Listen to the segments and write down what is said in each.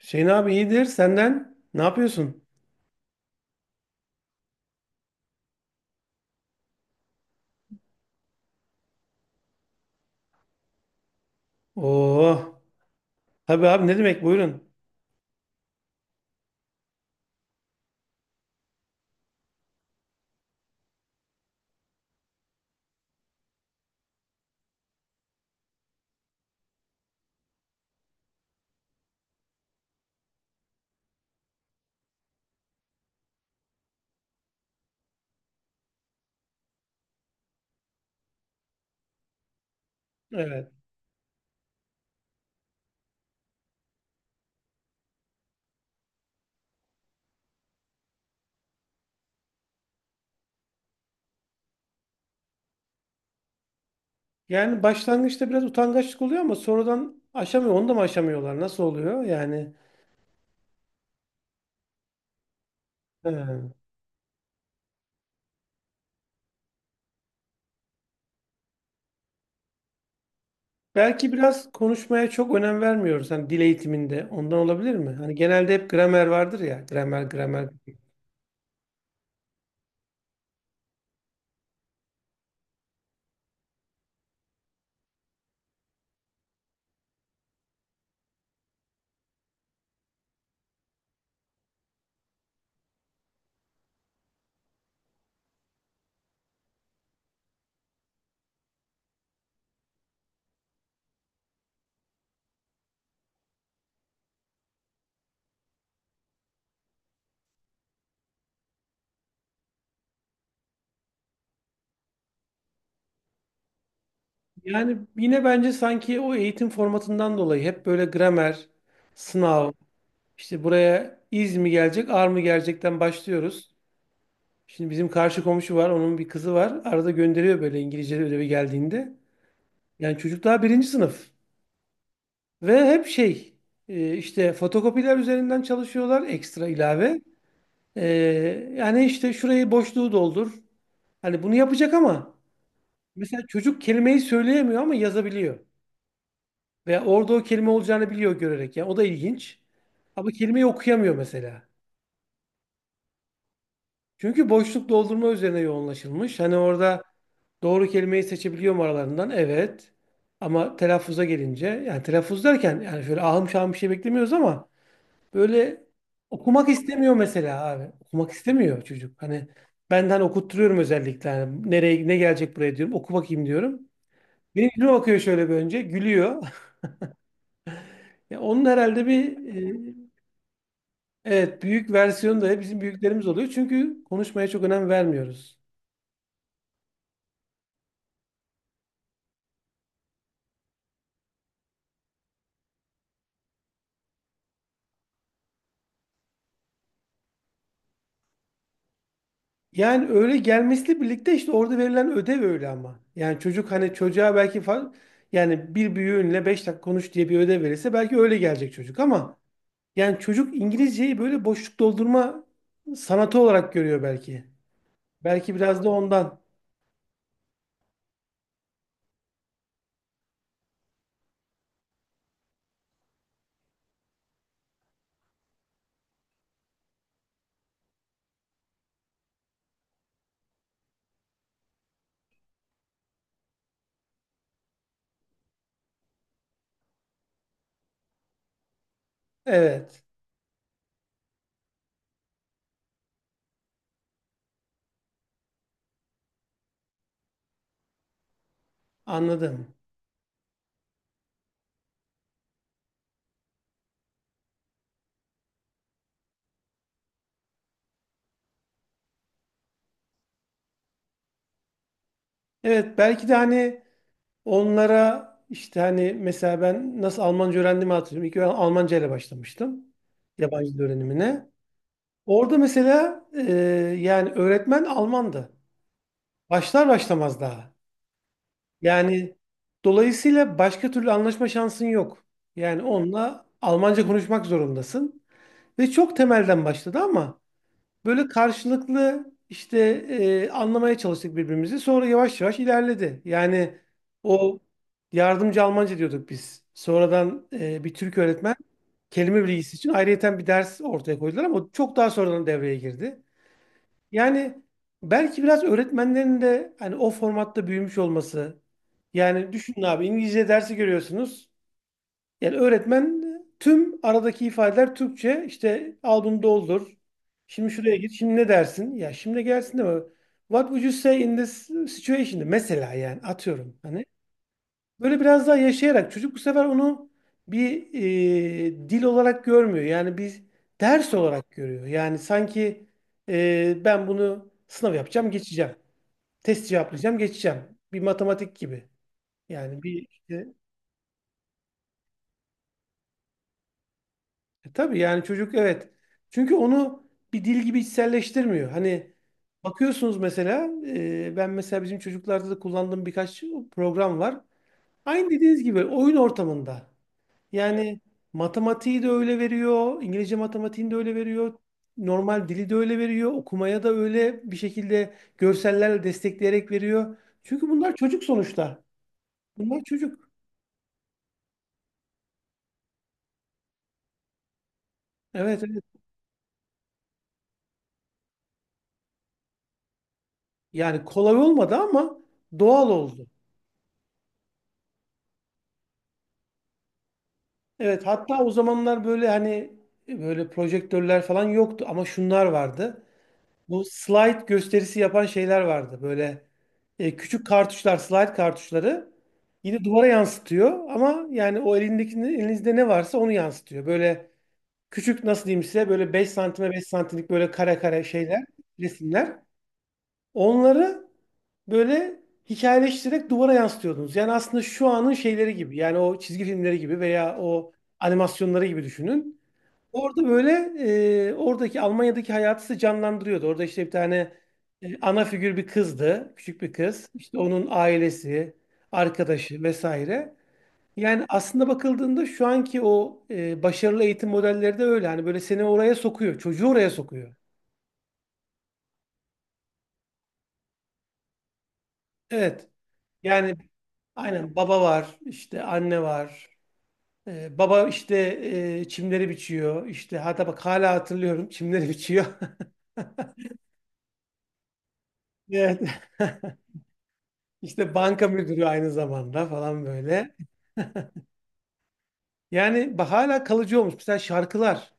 Hüseyin abi iyidir senden. Ne yapıyorsun? Oo. Tabii abi ne demek buyurun. Evet. Yani başlangıçta biraz utangaçlık oluyor ama sonradan aşamıyor. Onu da mı aşamıyorlar? Nasıl oluyor? Yani he. Belki biraz konuşmaya çok önem vermiyoruz. Hani dil eğitiminde ondan olabilir mi? Hani genelde hep gramer vardır ya. Gramer, gramer. Yani yine bence sanki o eğitim formatından dolayı hep böyle gramer, sınav, işte buraya iz mi gelecek, ar mı gelecekten başlıyoruz. Şimdi bizim karşı komşu var. Onun bir kızı var. Arada gönderiyor böyle İngilizce ödevi geldiğinde. Yani çocuk daha birinci sınıf. Ve hep şey işte fotokopiler üzerinden çalışıyorlar. Ekstra ilave. E, yani işte şurayı boşluğu doldur. Hani bunu yapacak ama mesela çocuk kelimeyi söyleyemiyor ama yazabiliyor. Veya orada o kelime olacağını biliyor görerek. Yani o da ilginç. Ama kelimeyi okuyamıyor mesela. Çünkü boşluk doldurma üzerine yoğunlaşılmış. Hani orada doğru kelimeyi seçebiliyorum aralarından. Evet. Ama telaffuza gelince yani telaffuz derken yani şöyle ahım şahım bir şey beklemiyoruz ama böyle okumak istemiyor mesela abi. Okumak istemiyor çocuk. Hani benden okutturuyorum özellikle. Hani nereye ne gelecek buraya diyorum. Oku bakayım diyorum. Benim yüzüme bakıyor şöyle bir önce. Gülüyor. Ya onun herhalde bir e, evet, büyük versiyonu da bizim büyüklerimiz oluyor. Çünkü konuşmaya çok önem vermiyoruz. Yani öyle gelmesiyle birlikte işte orada verilen ödev öyle ama. Yani çocuk hani çocuğa belki yani bir büyüğünle 5 dakika konuş diye bir ödev verirse belki öyle gelecek çocuk ama yani çocuk İngilizceyi böyle boşluk doldurma sanatı olarak görüyor belki. Belki biraz da ondan. Evet, anladım. Evet, belki de hani onlara işte hani mesela ben nasıl Almanca öğrendiğimi hatırlıyorum. İlk ben Almanca ile başlamıştım yabancı dil öğrenimine. Orada mesela yani öğretmen Almandı. Başlar başlamaz daha. Yani dolayısıyla başka türlü anlaşma şansın yok. Yani onunla Almanca konuşmak zorundasın. Ve çok temelden başladı ama böyle karşılıklı işte anlamaya çalıştık birbirimizi. Sonra yavaş yavaş ilerledi. Yani o yardımcı Almanca diyorduk biz. Sonradan bir Türk öğretmen kelime bilgisi için ayrıyeten bir ders ortaya koydular ama o çok daha sonradan devreye girdi. Yani belki biraz öğretmenlerin de hani o formatta büyümüş olması. Yani düşünün abi İngilizce dersi görüyorsunuz. Yani öğretmen tüm aradaki ifadeler Türkçe. İşte al bunu doldur. Şimdi şuraya git. Şimdi ne dersin? Ya şimdi gelsin de mi? What would you say in this situation? Mesela yani atıyorum. Hani böyle biraz daha yaşayarak çocuk bu sefer onu bir dil olarak görmüyor. Yani bir ders olarak görüyor. Yani sanki ben bunu sınav yapacağım, geçeceğim. Test cevaplayacağım, geçeceğim. Bir matematik gibi. Yani bir işte, tabii yani çocuk evet. Çünkü onu bir dil gibi içselleştirmiyor. Hani bakıyorsunuz mesela ben mesela bizim çocuklarda da kullandığım birkaç program var. Aynı dediğiniz gibi oyun ortamında. Yani matematiği de öyle veriyor, İngilizce matematiğini de öyle veriyor, normal dili de öyle veriyor, okumaya da öyle bir şekilde görsellerle destekleyerek veriyor. Çünkü bunlar çocuk sonuçta. Bunlar çocuk. Evet, evet. Yani kolay olmadı ama doğal oldu. Evet, hatta o zamanlar böyle hani böyle projektörler falan yoktu ama şunlar vardı. Bu slide gösterisi yapan şeyler vardı. Böyle küçük kartuşlar, slide kartuşları yine duvara yansıtıyor ama yani o elindeki elinizde ne varsa onu yansıtıyor. Böyle küçük nasıl diyeyim size böyle beş santime 5 santimlik böyle kare kare şeyler, resimler. Onları böyle hikayeleştirerek duvara yansıtıyordunuz. Yani aslında şu anın şeyleri gibi. Yani o çizgi filmleri gibi veya o animasyonları gibi düşünün. Orada böyle oradaki Almanya'daki hayatı size canlandırıyordu. Orada işte bir tane ana figür bir kızdı. Küçük bir kız. İşte onun ailesi, arkadaşı vesaire. Yani aslında bakıldığında şu anki o başarılı eğitim modelleri de öyle. Hani böyle seni oraya sokuyor. Çocuğu oraya sokuyor. Evet. Yani aynen baba var. İşte anne var. Baba işte çimleri biçiyor. İşte hatta bak hala hatırlıyorum. Çimleri biçiyor. Evet. İşte banka müdürü aynı zamanda falan böyle. Yani hala kalıcı olmuş. Mesela şarkılar.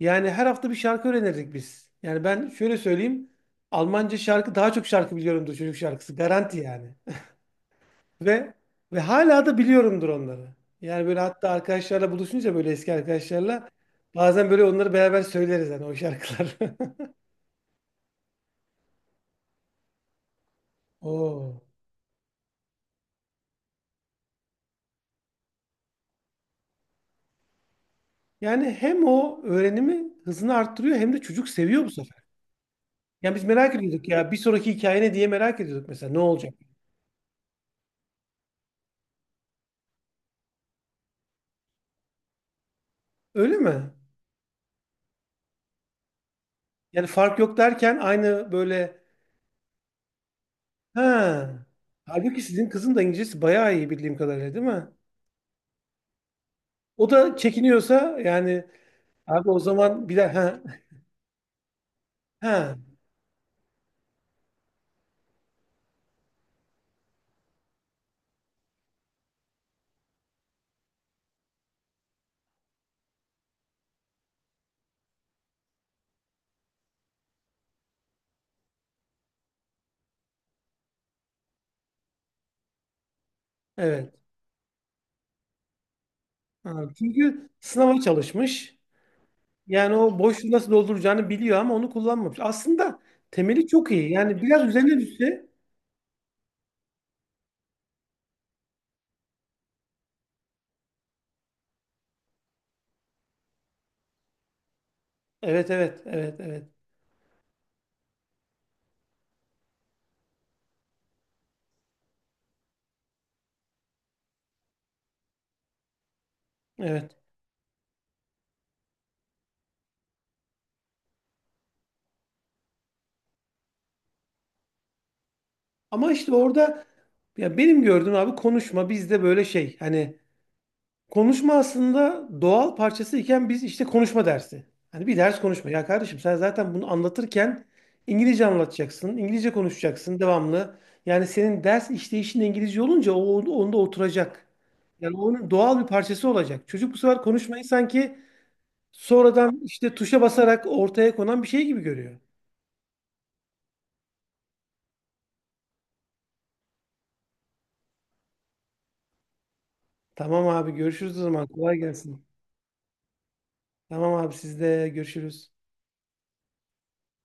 Yani her hafta bir şarkı öğrenirdik biz. Yani ben şöyle söyleyeyim. Almanca şarkı daha çok şarkı biliyorumdur çocuk şarkısı. Garanti yani. Ve hala da biliyorumdur onları. Yani böyle hatta arkadaşlarla buluşunca böyle eski arkadaşlarla bazen böyle onları beraber söyleriz hani o şarkılar. Oo. Yani hem o öğrenimi hızını arttırıyor hem de çocuk seviyor bu sefer. Yani biz merak ediyorduk ya bir sonraki hikaye ne diye merak ediyorduk mesela ne olacak? Öyle mi? Yani fark yok derken aynı böyle ha. Halbuki sizin kızın da İngilizcesi bayağı iyi bildiğim kadarıyla değil mi? O da çekiniyorsa yani abi o zaman bir de ha ha, evet. Ha, çünkü sınava çalışmış. Yani o boşluğu nasıl dolduracağını biliyor ama onu kullanmamış. Aslında temeli çok iyi. Yani biraz üzerine düşse evet, evet, evet, evet, evet. Ama işte orada ya benim gördüğüm abi konuşma bizde böyle şey. Hani konuşma aslında doğal parçası iken biz işte konuşma dersi. Hani bir ders konuşma. Ya kardeşim sen zaten bunu anlatırken İngilizce anlatacaksın. İngilizce konuşacaksın devamlı. Yani senin ders işleyişin de İngilizce olunca o onda oturacak. Yani onun doğal bir parçası olacak. Çocuk bu sefer konuşmayı sanki sonradan işte tuşa basarak ortaya konan bir şey gibi görüyor. Tamam abi görüşürüz o zaman. Kolay gelsin. Tamam abi sizde görüşürüz.